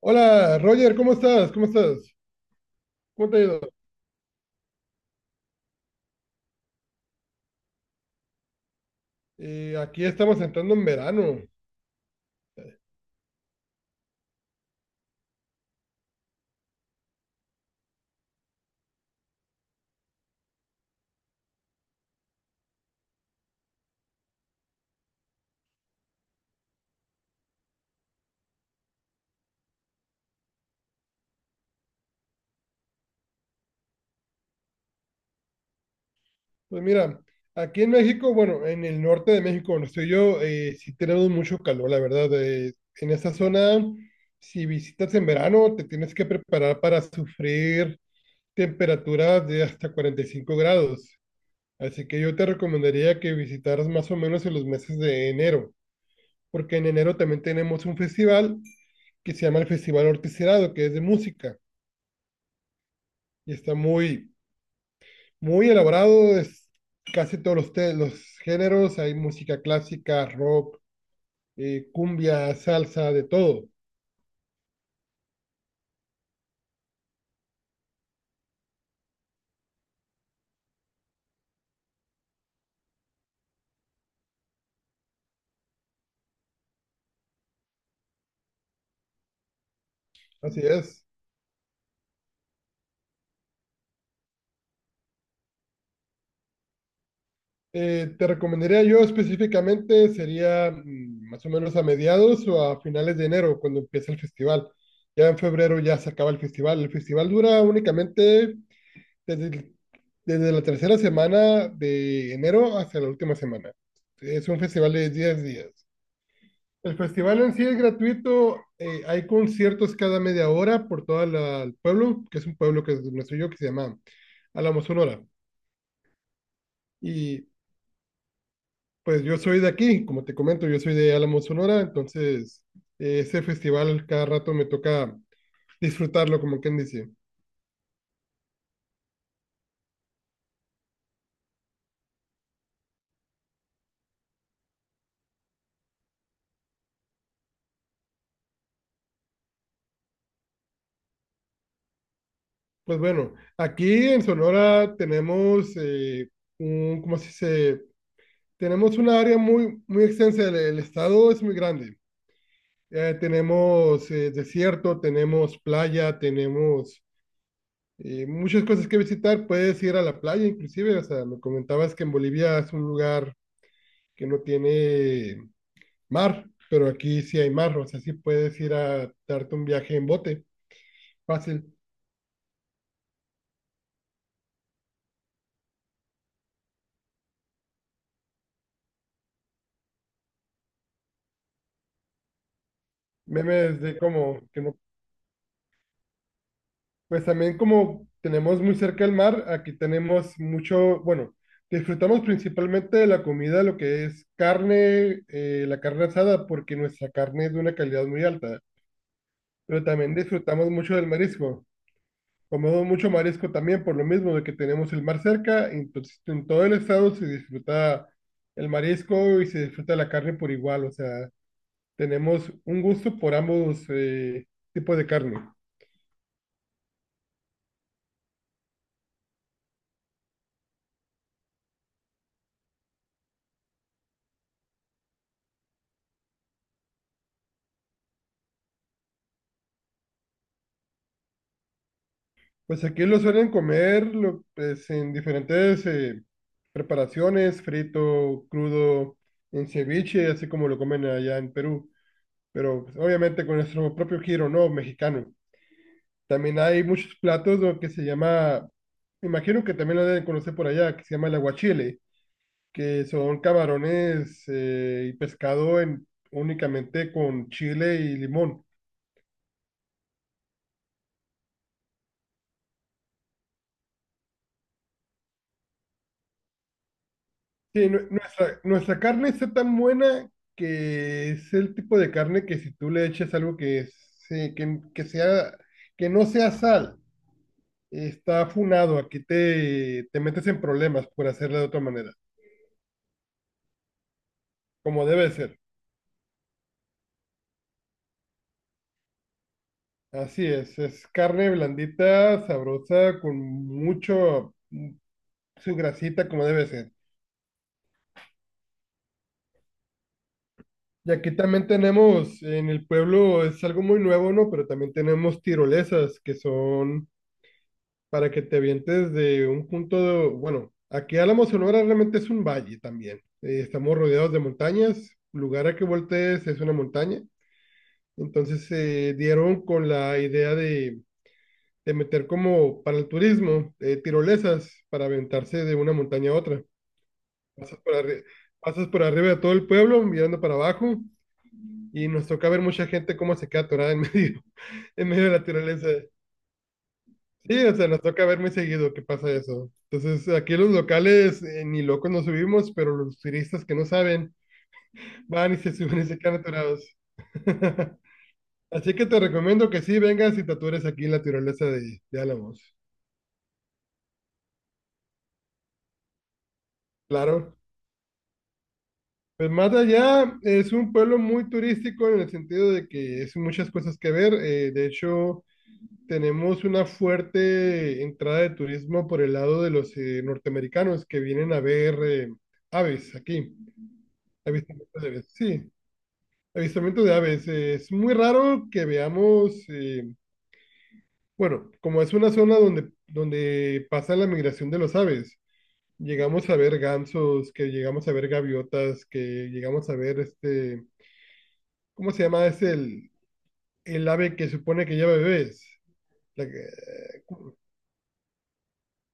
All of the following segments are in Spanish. Hola, Roger, ¿cómo estás? ¿Cómo estás? ¿Cómo te ha ido? Aquí estamos entrando en verano. Pues mira, aquí en México, bueno, en el norte de México, donde estoy yo, sí tenemos mucho calor, la verdad. En esa zona, si visitas en verano, te tienes que preparar para sufrir temperaturas de hasta 45 grados. Así que yo te recomendaría que visitaras más o menos en los meses de enero, porque en enero también tenemos un festival que se llama el Festival Ortiz Herado, que es de música. Y está muy elaborado, es casi los géneros, hay música clásica, rock, cumbia, salsa, de todo, así es. Te recomendaría yo específicamente, sería más o menos a mediados o a finales de enero, cuando empieza el festival. Ya en febrero ya se acaba el festival. El festival dura únicamente desde, el- desde la tercera semana de enero hasta la última semana. Es un festival de 10 días. El festival en sí es gratuito, hay conciertos cada media hora por todo el pueblo, que es un pueblo que es nuestro yo, que se llama Álamo Sonora. Y pues yo soy de aquí, como te comento, yo soy de Álamo Sonora, entonces ese festival cada rato me toca disfrutarlo, como quien dice. Pues bueno, aquí en Sonora tenemos un, ¿cómo se dice? Tenemos una área muy, muy extensa, del el estado es muy grande. Tenemos desierto, tenemos playa, tenemos muchas cosas que visitar. Puedes ir a la playa, inclusive. O sea, me comentabas que en Bolivia es un lugar que no tiene mar, pero aquí sí hay mar. O sea, sí puedes ir a darte un viaje en bote. Fácil. Memes de como que no. Pues también como tenemos muy cerca el mar, aquí tenemos mucho, bueno, disfrutamos principalmente de la comida, lo que es carne, la carne asada, porque nuestra carne es de una calidad muy alta, pero también disfrutamos mucho del marisco. Comemos mucho marisco también por lo mismo de que tenemos el mar cerca, y entonces en todo el estado se disfruta el marisco y se disfruta la carne por igual, o sea, tenemos un gusto por ambos tipos de carne. Pues aquí lo suelen pues, en diferentes preparaciones, frito, crudo, en ceviche, así como lo comen allá en Perú, pero pues, obviamente con nuestro propio giro, ¿no? Mexicano. También hay muchos platos lo que se llama, imagino que también lo deben conocer por allá, que se llama el aguachile, que son camarones y pescado en, únicamente con chile y limón. Sí, nuestra carne está tan buena que es el tipo de carne que si tú le eches algo que sea, que no sea sal, está funado. Aquí te, te metes en problemas por hacerla de otra manera, como debe ser. Así es carne blandita, sabrosa, con mucho su grasita, como debe ser. Y aquí también tenemos, en el pueblo es algo muy nuevo, ¿no? Pero también tenemos tirolesas, que son para que te avientes de un Bueno, aquí Álamo Sonora realmente es un valle también. Estamos rodeados de montañas, lugar a que voltees es una montaña. Entonces se dieron con la idea de meter como para el turismo tirolesas para aventarse de una montaña a otra. Pasas por arri- Pasas por arriba de todo el pueblo mirando para abajo y nos toca ver mucha gente cómo se queda atorada en medio, en medio de la tirolesa. Sí, o sea, nos toca ver muy seguido que pasa eso. Entonces, aquí los locales ni locos nos subimos, pero los turistas que no saben van y se suben y se quedan atorados. Así que te recomiendo que sí vengas y te atures aquí en la tirolesa de Álamos. Claro. Pues más allá es un pueblo muy turístico en el sentido de que es muchas cosas que ver. De hecho, tenemos una fuerte entrada de turismo por el lado de los norteamericanos que vienen a ver aves aquí. Avistamiento de aves, sí. Avistamiento de aves. Es muy raro que veamos, Bueno, como es una zona donde pasa la migración de los aves, llegamos a ver gansos, que llegamos a ver gaviotas, que llegamos a ver este, ¿cómo se llama? El ave que supone que lleva bebés. La que- eh,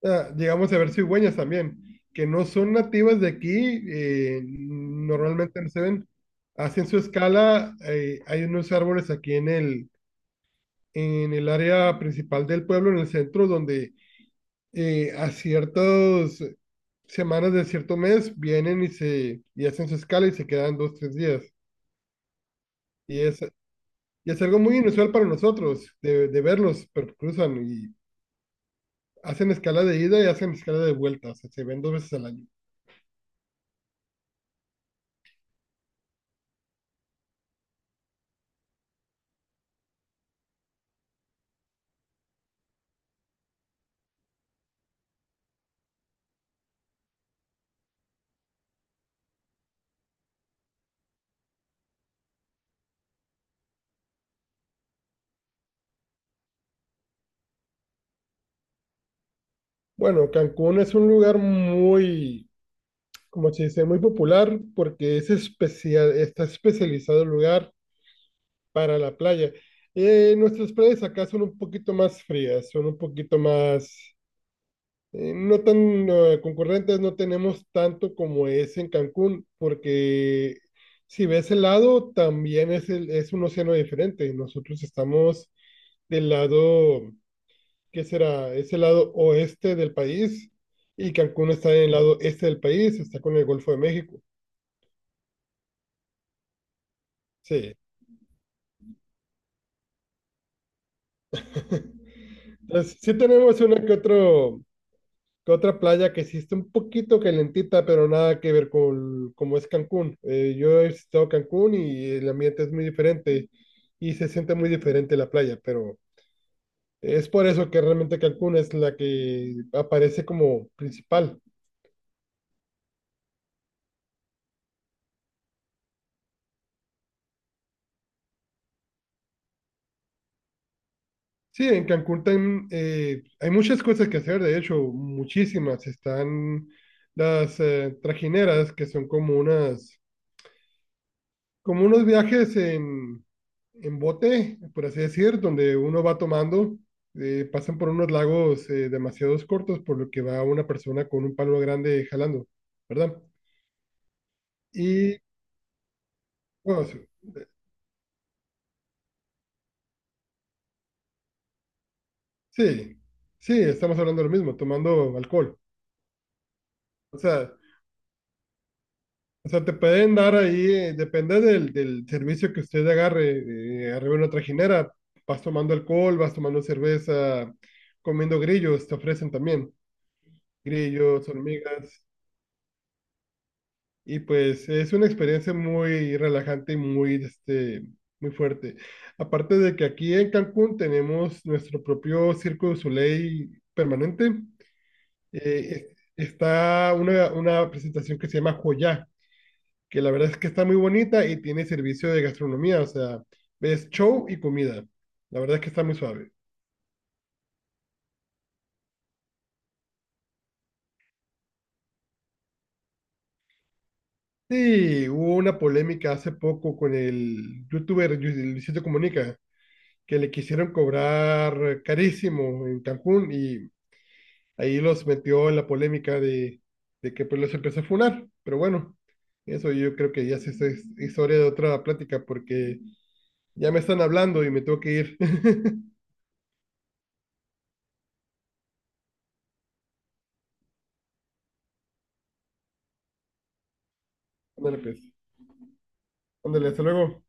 Ah, llegamos a ver cigüeñas también, que no son nativas de aquí, normalmente no se ven. Hacen su escala, hay unos árboles aquí en el área principal del pueblo, en el centro, donde a ciertas semanas de cierto mes vienen y hacen su escala y se quedan dos, tres días. Y es, y es algo muy inusual para nosotros de verlos, pero cruzan y hacen escala de ida y hacen escala de vuelta, o sea, se ven 2 veces al año. Bueno, Cancún es un lugar muy, como se dice, muy popular porque es especial, está especializado el lugar para la playa. Nuestras playas acá son un poquito más frías, son un poquito no tan concurrentes, no tenemos tanto como es en Cancún, porque si ves el lado, también es, es un océano diferente. Nosotros estamos del lado ¿que será? Es el lado oeste del país y Cancún está en el lado este del país, está con el Golfo de México. Sí. Entonces, sí tenemos que otra playa que sí está un poquito calentita, pero nada que ver con cómo es Cancún. Yo he visitado Cancún y el ambiente es muy diferente y se siente muy diferente la playa, pero es por eso que realmente Cancún es la que aparece como principal. Sí, en Cancún hay muchas cosas que hacer, de hecho, muchísimas. Están las trajineras, que son como unas, como unos viajes en bote, por así decir, donde uno va tomando, pasan por unos lagos demasiados cortos, por lo que va una persona con un palo grande jalando, ¿verdad? Y, bueno, sí, sí, sí, estamos hablando de lo mismo, tomando alcohol. O sea, O sea, te pueden dar ahí, depende del servicio que usted agarre, arriba en una trajinera, vas tomando alcohol, vas tomando cerveza, comiendo grillos, te ofrecen también grillos, hormigas, y pues es una experiencia muy relajante y muy, este, muy fuerte. Aparte de que aquí en Cancún tenemos nuestro propio Circo du Soleil permanente, eh, está una presentación que se llama Joya que la verdad es que está muy bonita y tiene servicio de gastronomía, o sea, ves show y comida. La verdad es que está muy suave. Sí, hubo una polémica hace poco con el youtuber Luisito Comunica, que le quisieron cobrar carísimo en Cancún y ahí los metió en la polémica de que pues los empezó a funar. Pero bueno, eso yo creo que ya sí es historia de otra plática porque ya me están hablando y me tengo que ir. Ándale pues, ándale, hasta luego.